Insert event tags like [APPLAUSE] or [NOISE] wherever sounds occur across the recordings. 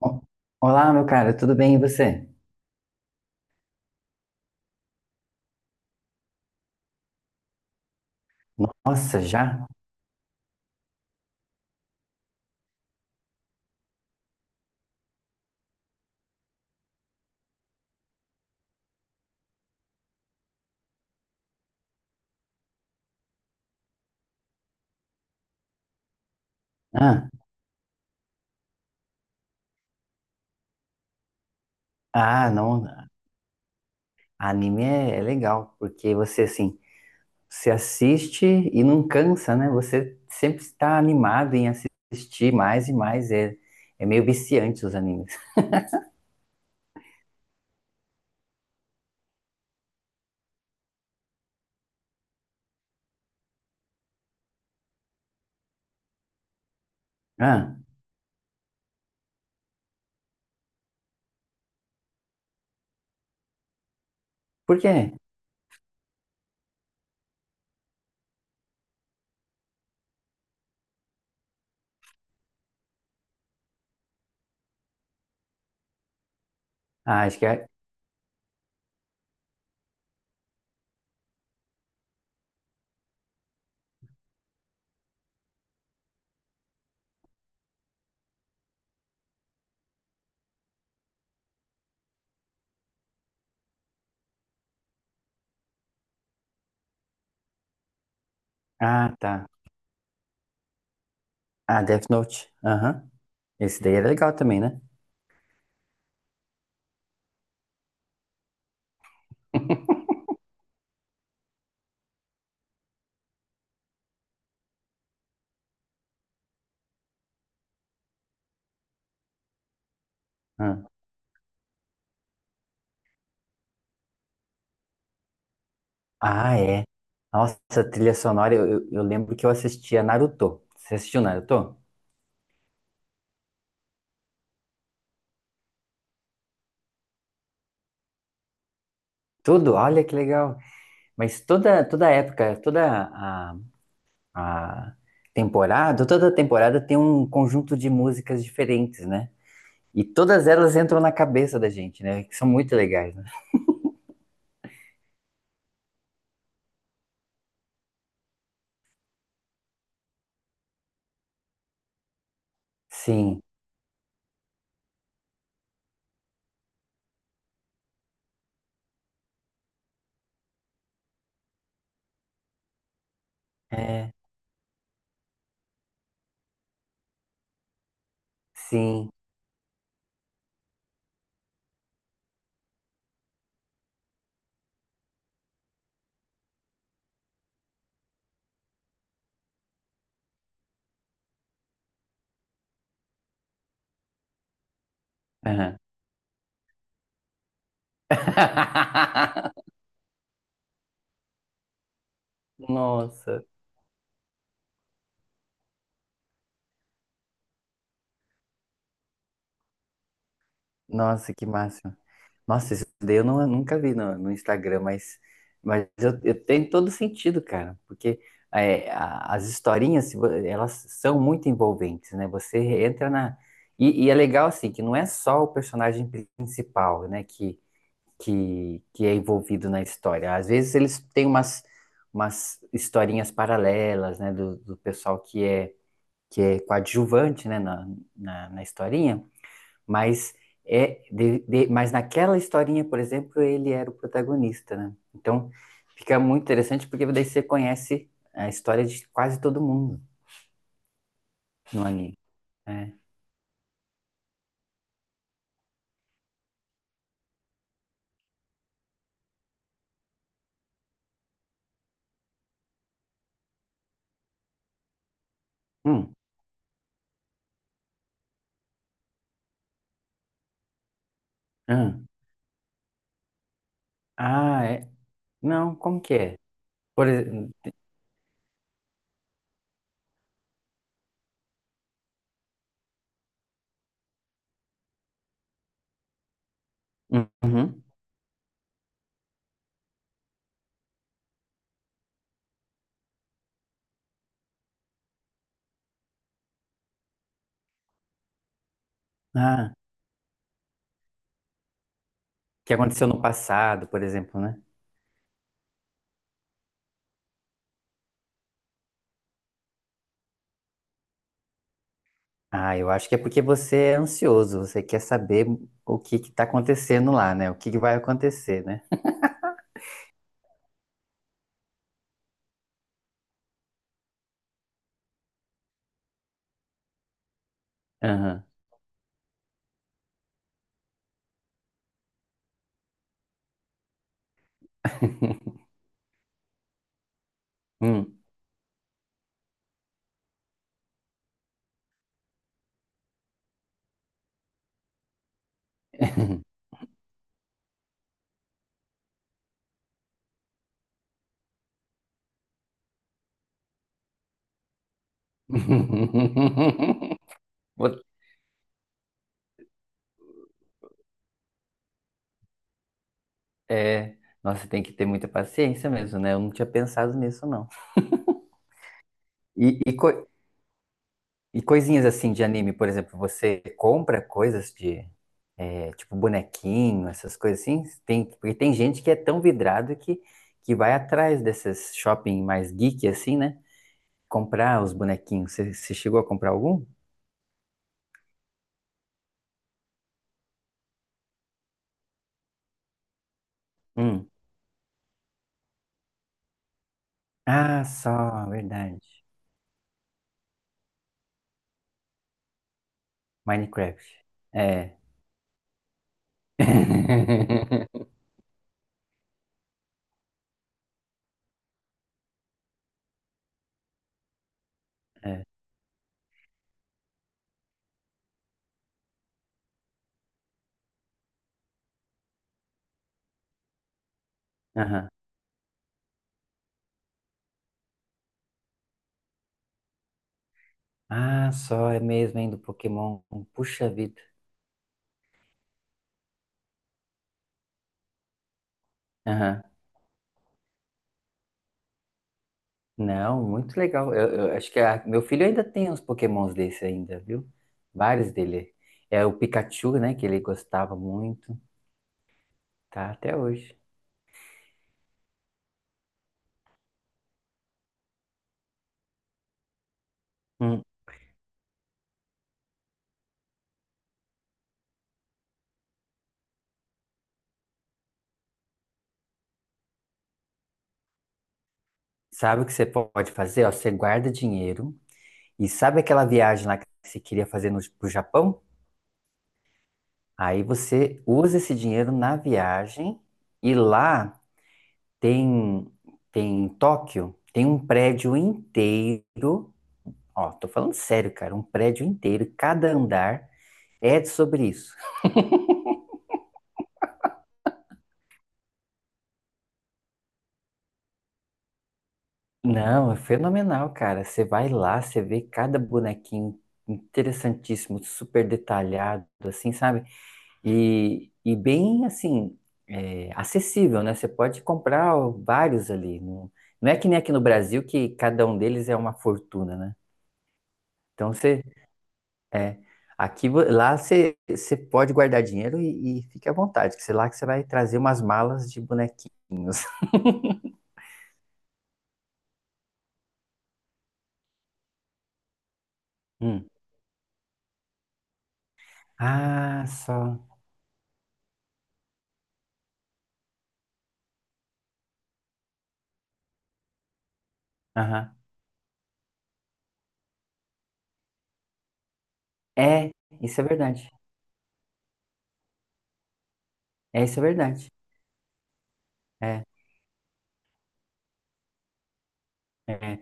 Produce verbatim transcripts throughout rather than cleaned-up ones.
O- Olá, meu cara, tudo bem e você? Nossa, já? Ah, ah, não, anime é, é legal, porque você, assim, você assiste e não cansa, né? Você sempre está animado em assistir mais e mais, é, é meio viciante os animes. Ah, por quê? Ah, acho que é. Ah, tá. Ah, Death Note, aham. Esse daí é legal também, né? Ah, Ah, é. Nossa, a trilha sonora, eu, eu eu lembro que eu assistia Naruto. Você assistiu Naruto? Tudo? Olha que legal. Mas toda, toda época, toda a, a temporada, toda temporada tem um conjunto de músicas diferentes, né? E todas elas entram na cabeça da gente, né? Que são muito legais, né? Sim, é, sim. Aham. [LAUGHS] Nossa. Nossa, que máximo. Nossa, isso daí eu não, nunca vi no, no Instagram, mas, mas eu, eu tenho todo sentido, cara, porque é, a- as historinhas, se vo- elas são muito envolventes, né? Você entra na. E, e é legal, assim, que não é só o personagem principal, né, que, que, que é envolvido na história. Às vezes eles têm umas, umas historinhas paralelas, né, do, do pessoal que é, que é coadjuvante, né, na, na, na historinha, mas é de- de- mas naquela historinha, por exemplo, ele era o protagonista, né? Então fica muito interessante porque daí você conhece a história de quase todo mundo no anime. É. Hum, hum. Ah, é. Não, como que é? Por exemplo. Ah, que aconteceu no passado, por exemplo, né? Ah, eu acho que é porque você é ansioso, você quer saber o que que tá acontecendo lá, né? O que que vai acontecer, né? Aham. [LAUGHS] Hum. [LAUGHS] [LAUGHS] Vou- é, nossa, tem que ter muita paciência mesmo, né? Eu não tinha pensado nisso, não. E, e, co- e coisinhas assim de anime, por exemplo, você compra coisas de, é, tipo, bonequinho, essas coisas assim? Tem, porque tem gente que é tão vidrado que, que vai atrás desses shopping mais geek, assim, né? Comprar os bonequinhos. Você, você chegou a comprar algum? Hum. Ah, só, verdade. Minecraft. É. [LAUGHS] É. Ah, só é mesmo, hein, do Pokémon. Puxa vida. Aham. Não, muito legal. Eu, eu acho que a- meu filho ainda tem uns Pokémons desse ainda, viu? Vários dele. É o Pikachu, né, que ele gostava muito. Tá até hoje. Hum. Sabe o que você pode fazer? Ó, você guarda dinheiro e sabe aquela viagem lá que você queria fazer no, pro Japão? Aí você usa esse dinheiro na viagem e lá tem, tem em Tóquio, tem um prédio inteiro. Ó, tô falando sério, cara, um prédio inteiro, cada andar é sobre isso. Não, é fenomenal, cara. Você vai lá, você vê cada bonequinho interessantíssimo, super detalhado, assim, sabe? E, e bem, assim, é, acessível, né? Você pode comprar vários ali. Não, não é que nem aqui no Brasil que cada um deles é uma fortuna, né? Então você, é, aqui, vo- lá você, você pode guardar dinheiro e, e fique à vontade, que sei lá que você vai trazer umas malas de bonequinhos. Hum. Ah, só. Aham. É, isso é verdade. É, isso é verdade. É, é.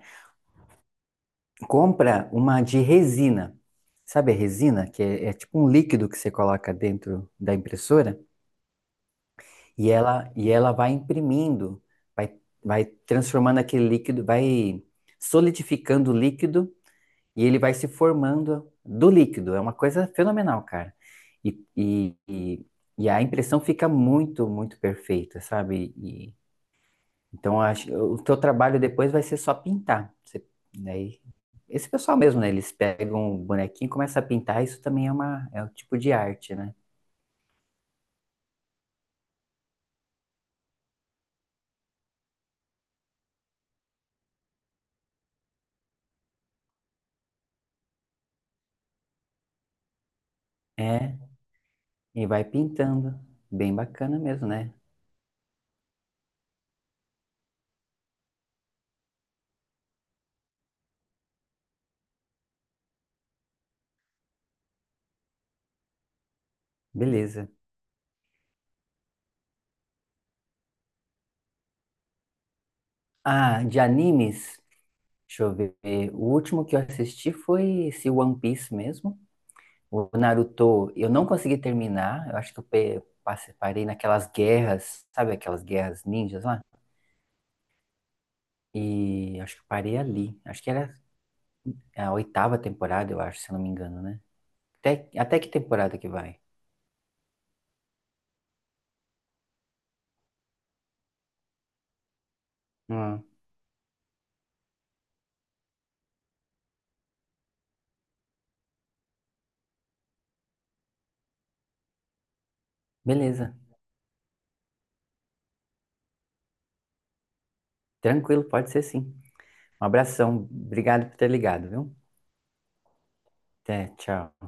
Compra uma de resina. Sabe a resina? Que é, é tipo um líquido que você coloca dentro da impressora e ela, e ela vai imprimindo, vai, vai transformando aquele líquido, vai solidificando o líquido e ele vai se formando do líquido. É uma coisa fenomenal, cara. E, e, e, e a impressão fica muito, muito perfeita, sabe? Então, acho, o teu trabalho depois vai ser só pintar. Você, daí, esse pessoal mesmo, né? Eles pegam o bonequinho e começam a pintar. Isso também é uma, é um tipo de arte, né? É, e vai pintando. Bem bacana mesmo, né? Beleza. Ah, de animes, deixa eu ver. O último que eu assisti foi esse One Piece mesmo. O Naruto, eu não consegui terminar. Eu acho que eu pe- passe- parei naquelas guerras, sabe aquelas guerras ninjas lá? E acho que eu parei ali. Acho que era, é a oitava temporada, eu acho, se eu não me engano, né? Até, até que temporada que vai? Ah, beleza. Tranquilo, pode ser sim. Um abração. Obrigado por ter ligado, viu? Até, tchau.